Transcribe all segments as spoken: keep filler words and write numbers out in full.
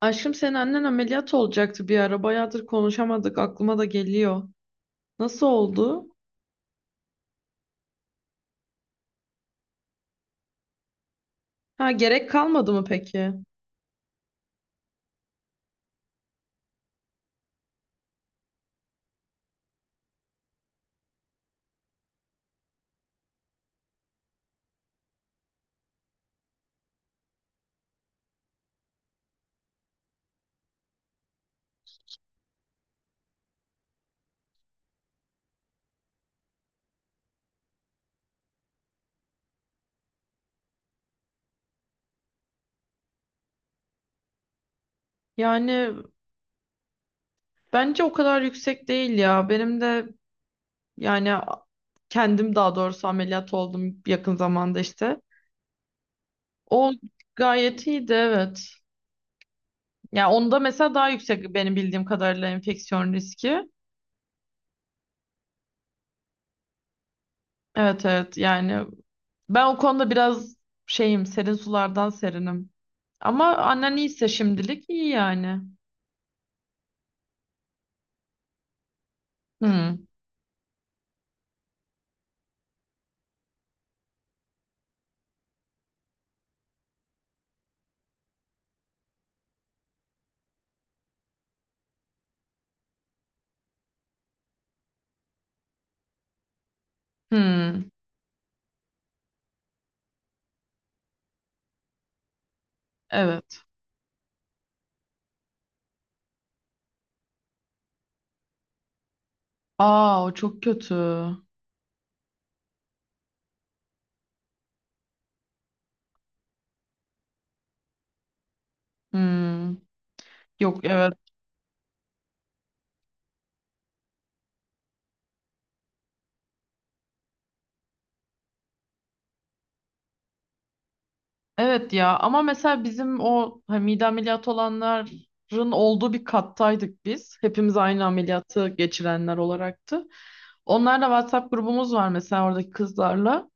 Aşkım senin annen ameliyat olacaktı bir ara. Bayağıdır konuşamadık. Aklıma da geliyor. Nasıl oldu? Ha gerek kalmadı mı peki? Yani bence o kadar yüksek değil ya. Benim de yani a- kendim daha doğrusu ameliyat oldum yakın zamanda işte. O gayet iyiydi evet. Ya onda mesela daha yüksek benim bildiğim kadarıyla enfeksiyon riski. Evet evet yani ben o konuda biraz şeyim serin sulardan serinim. Ama annen iyiyse şimdilik iyi yani. Hmm, hmm, evet. Aa o çok kötü. Hmm, yok evet. Evet ya ama mesela bizim o hani mide ameliyatı olanların olduğu bir kattaydık biz. Hepimiz aynı ameliyatı geçirenler olaraktı. Onlarla WhatsApp grubumuz var mesela oradaki kızlarla.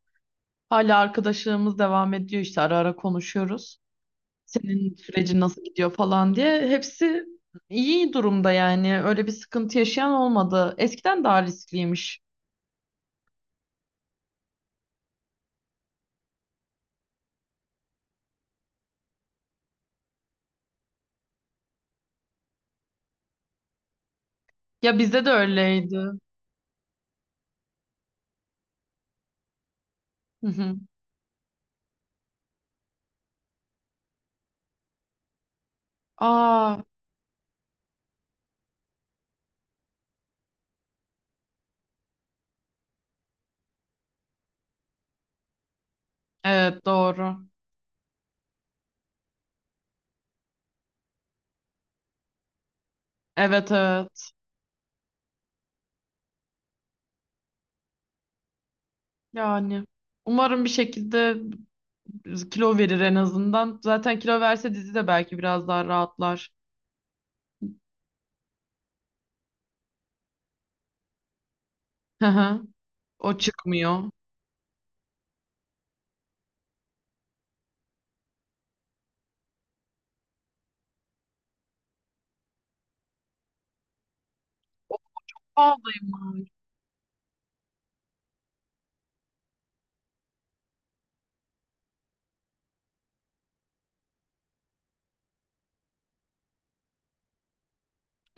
Hala arkadaşlığımız devam ediyor işte ara ara konuşuyoruz. Senin sürecin nasıl gidiyor falan diye. Hepsi iyi durumda yani. Öyle bir sıkıntı yaşayan olmadı. Eskiden daha riskliymiş. Ya bizde de öyleydi. Hı hı. Aa, evet doğru. Evet evet. Yani umarım bir şekilde kilo verir en azından. Zaten kilo verse dizi de belki biraz daha rahatlar. Hı hı. O çıkmıyor. O pahalıyım var.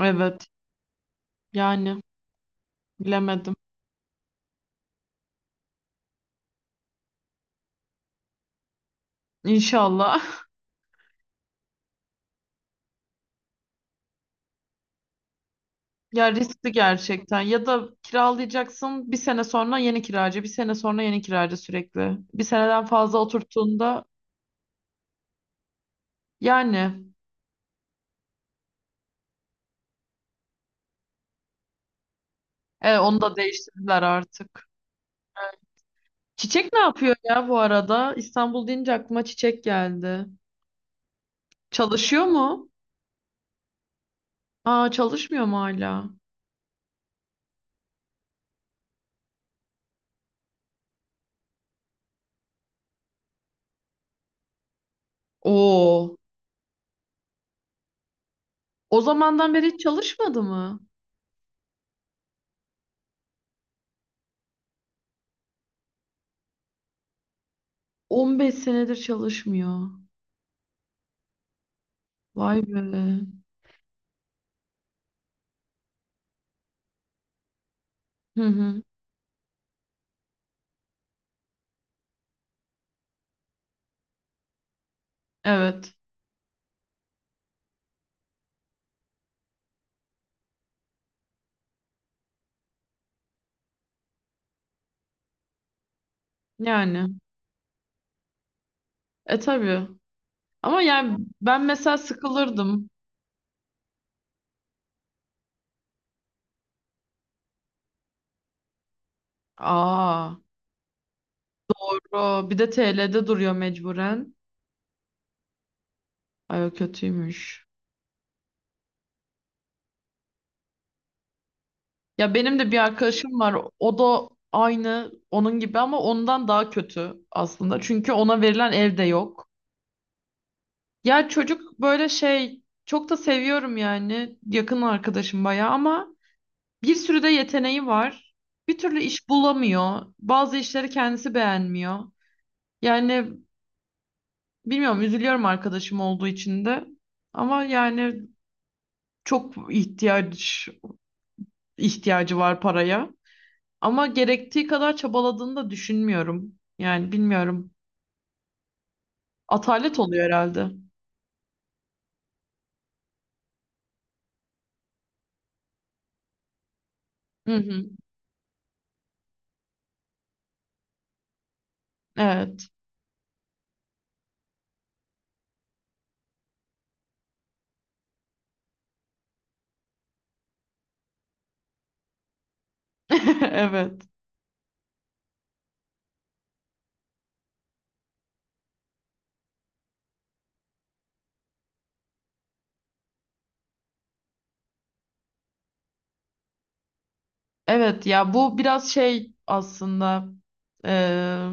Evet. Yani bilemedim. İnşallah. Ya riskli gerçekten. Ya da kiralayacaksın bir sene sonra yeni kiracı, bir sene sonra yeni kiracı sürekli. Bir seneden fazla oturttuğunda yani evet, onu da değiştirdiler artık. Çiçek ne yapıyor ya bu arada? İstanbul deyince aklıma Çiçek geldi. Çalışıyor mu? Aa çalışmıyor mu hala? Oo. O zamandan beri hiç çalışmadı mı? on beş senedir çalışmıyor. Vay be. Hı hı. Evet. Yani. E tabii. Ama yani ben mesela sıkılırdım. Aa. Bro, bir de T L'de duruyor mecburen. Ay o kötüymüş. Ya benim de bir arkadaşım var. O da aynı onun gibi ama ondan daha kötü aslında. Çünkü ona verilen ev de yok. Ya çocuk böyle şey çok da seviyorum yani. Yakın arkadaşım bayağı ama bir sürü de yeteneği var. Bir türlü iş bulamıyor. Bazı işleri kendisi beğenmiyor. Yani bilmiyorum üzülüyorum arkadaşım olduğu için de. Ama yani çok ihtiyaç ihtiyacı var paraya. Ama gerektiği kadar çabaladığını da düşünmüyorum. Yani bilmiyorum. Atalet oluyor herhalde. Hı hı. Evet. Evet. Evet ya bu biraz şey aslında eee,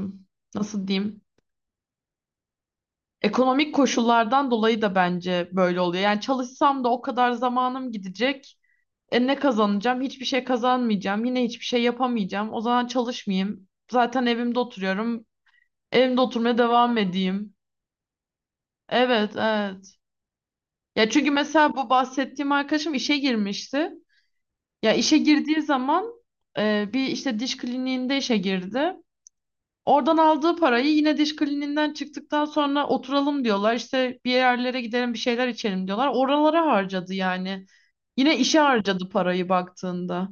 nasıl diyeyim? Ekonomik koşullardan dolayı da bence böyle oluyor. Yani çalışsam da o kadar zamanım gidecek. E ne kazanacağım? Hiçbir şey kazanmayacağım. Yine hiçbir şey yapamayacağım. O zaman çalışmayayım. Zaten evimde oturuyorum. Evimde oturmaya devam edeyim. Evet, evet. Ya çünkü mesela bu bahsettiğim arkadaşım işe girmişti. Ya işe girdiği zaman e, bir işte diş kliniğinde işe girdi. Oradan aldığı parayı yine diş kliniğinden çıktıktan sonra oturalım diyorlar. İşte bir yerlere gidelim bir şeyler içelim diyorlar. Oralara harcadı yani. Yine işe harcadı parayı baktığında.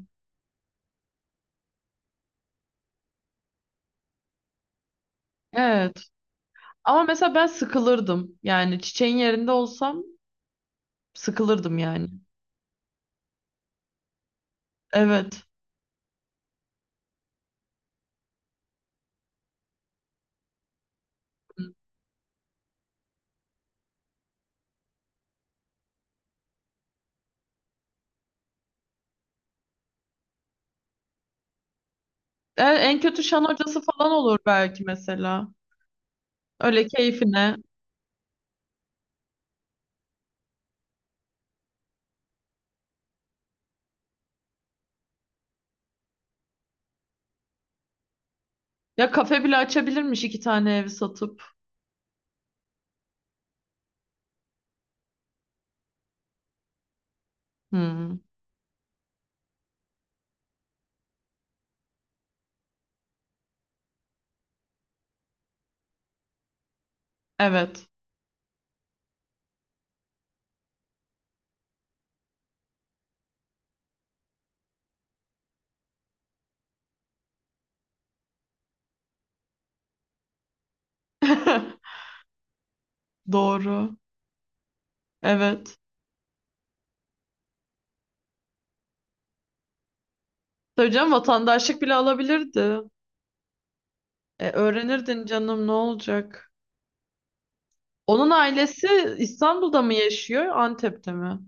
Evet. Ama mesela ben sıkılırdım. Yani çiçeğin yerinde olsam sıkılırdım yani. Evet. E, en kötü şan hocası falan olur belki mesela. Öyle keyfine. Ya kafe bile açabilirmiş iki tane evi satıp. Hmm, evet. Doğru. Evet. Tabii canım vatandaşlık bile alabilirdi. E, öğrenirdin canım ne olacak? Onun ailesi İstanbul'da mı yaşıyor, Antep'te mi?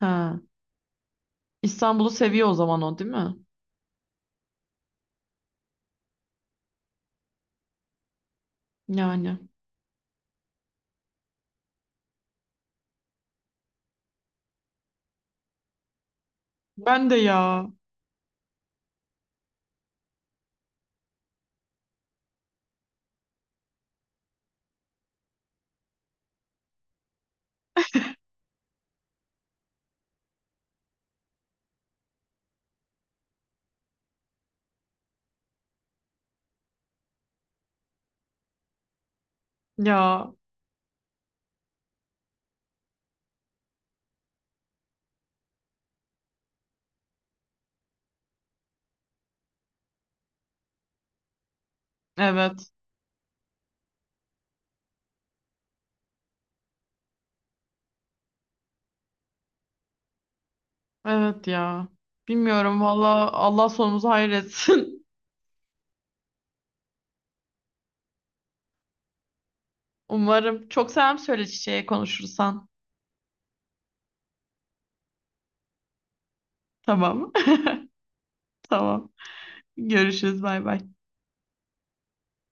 Ha. İstanbul'u seviyor o zaman o değil mi? Yani. Ben de ya. Ya. Evet. Evet ya. Bilmiyorum valla Allah sonumuzu hayır etsin. Umarım. Çok selam söyle çiçeğe konuşursan. Tamam. Tamam. Görüşürüz. Bay bay.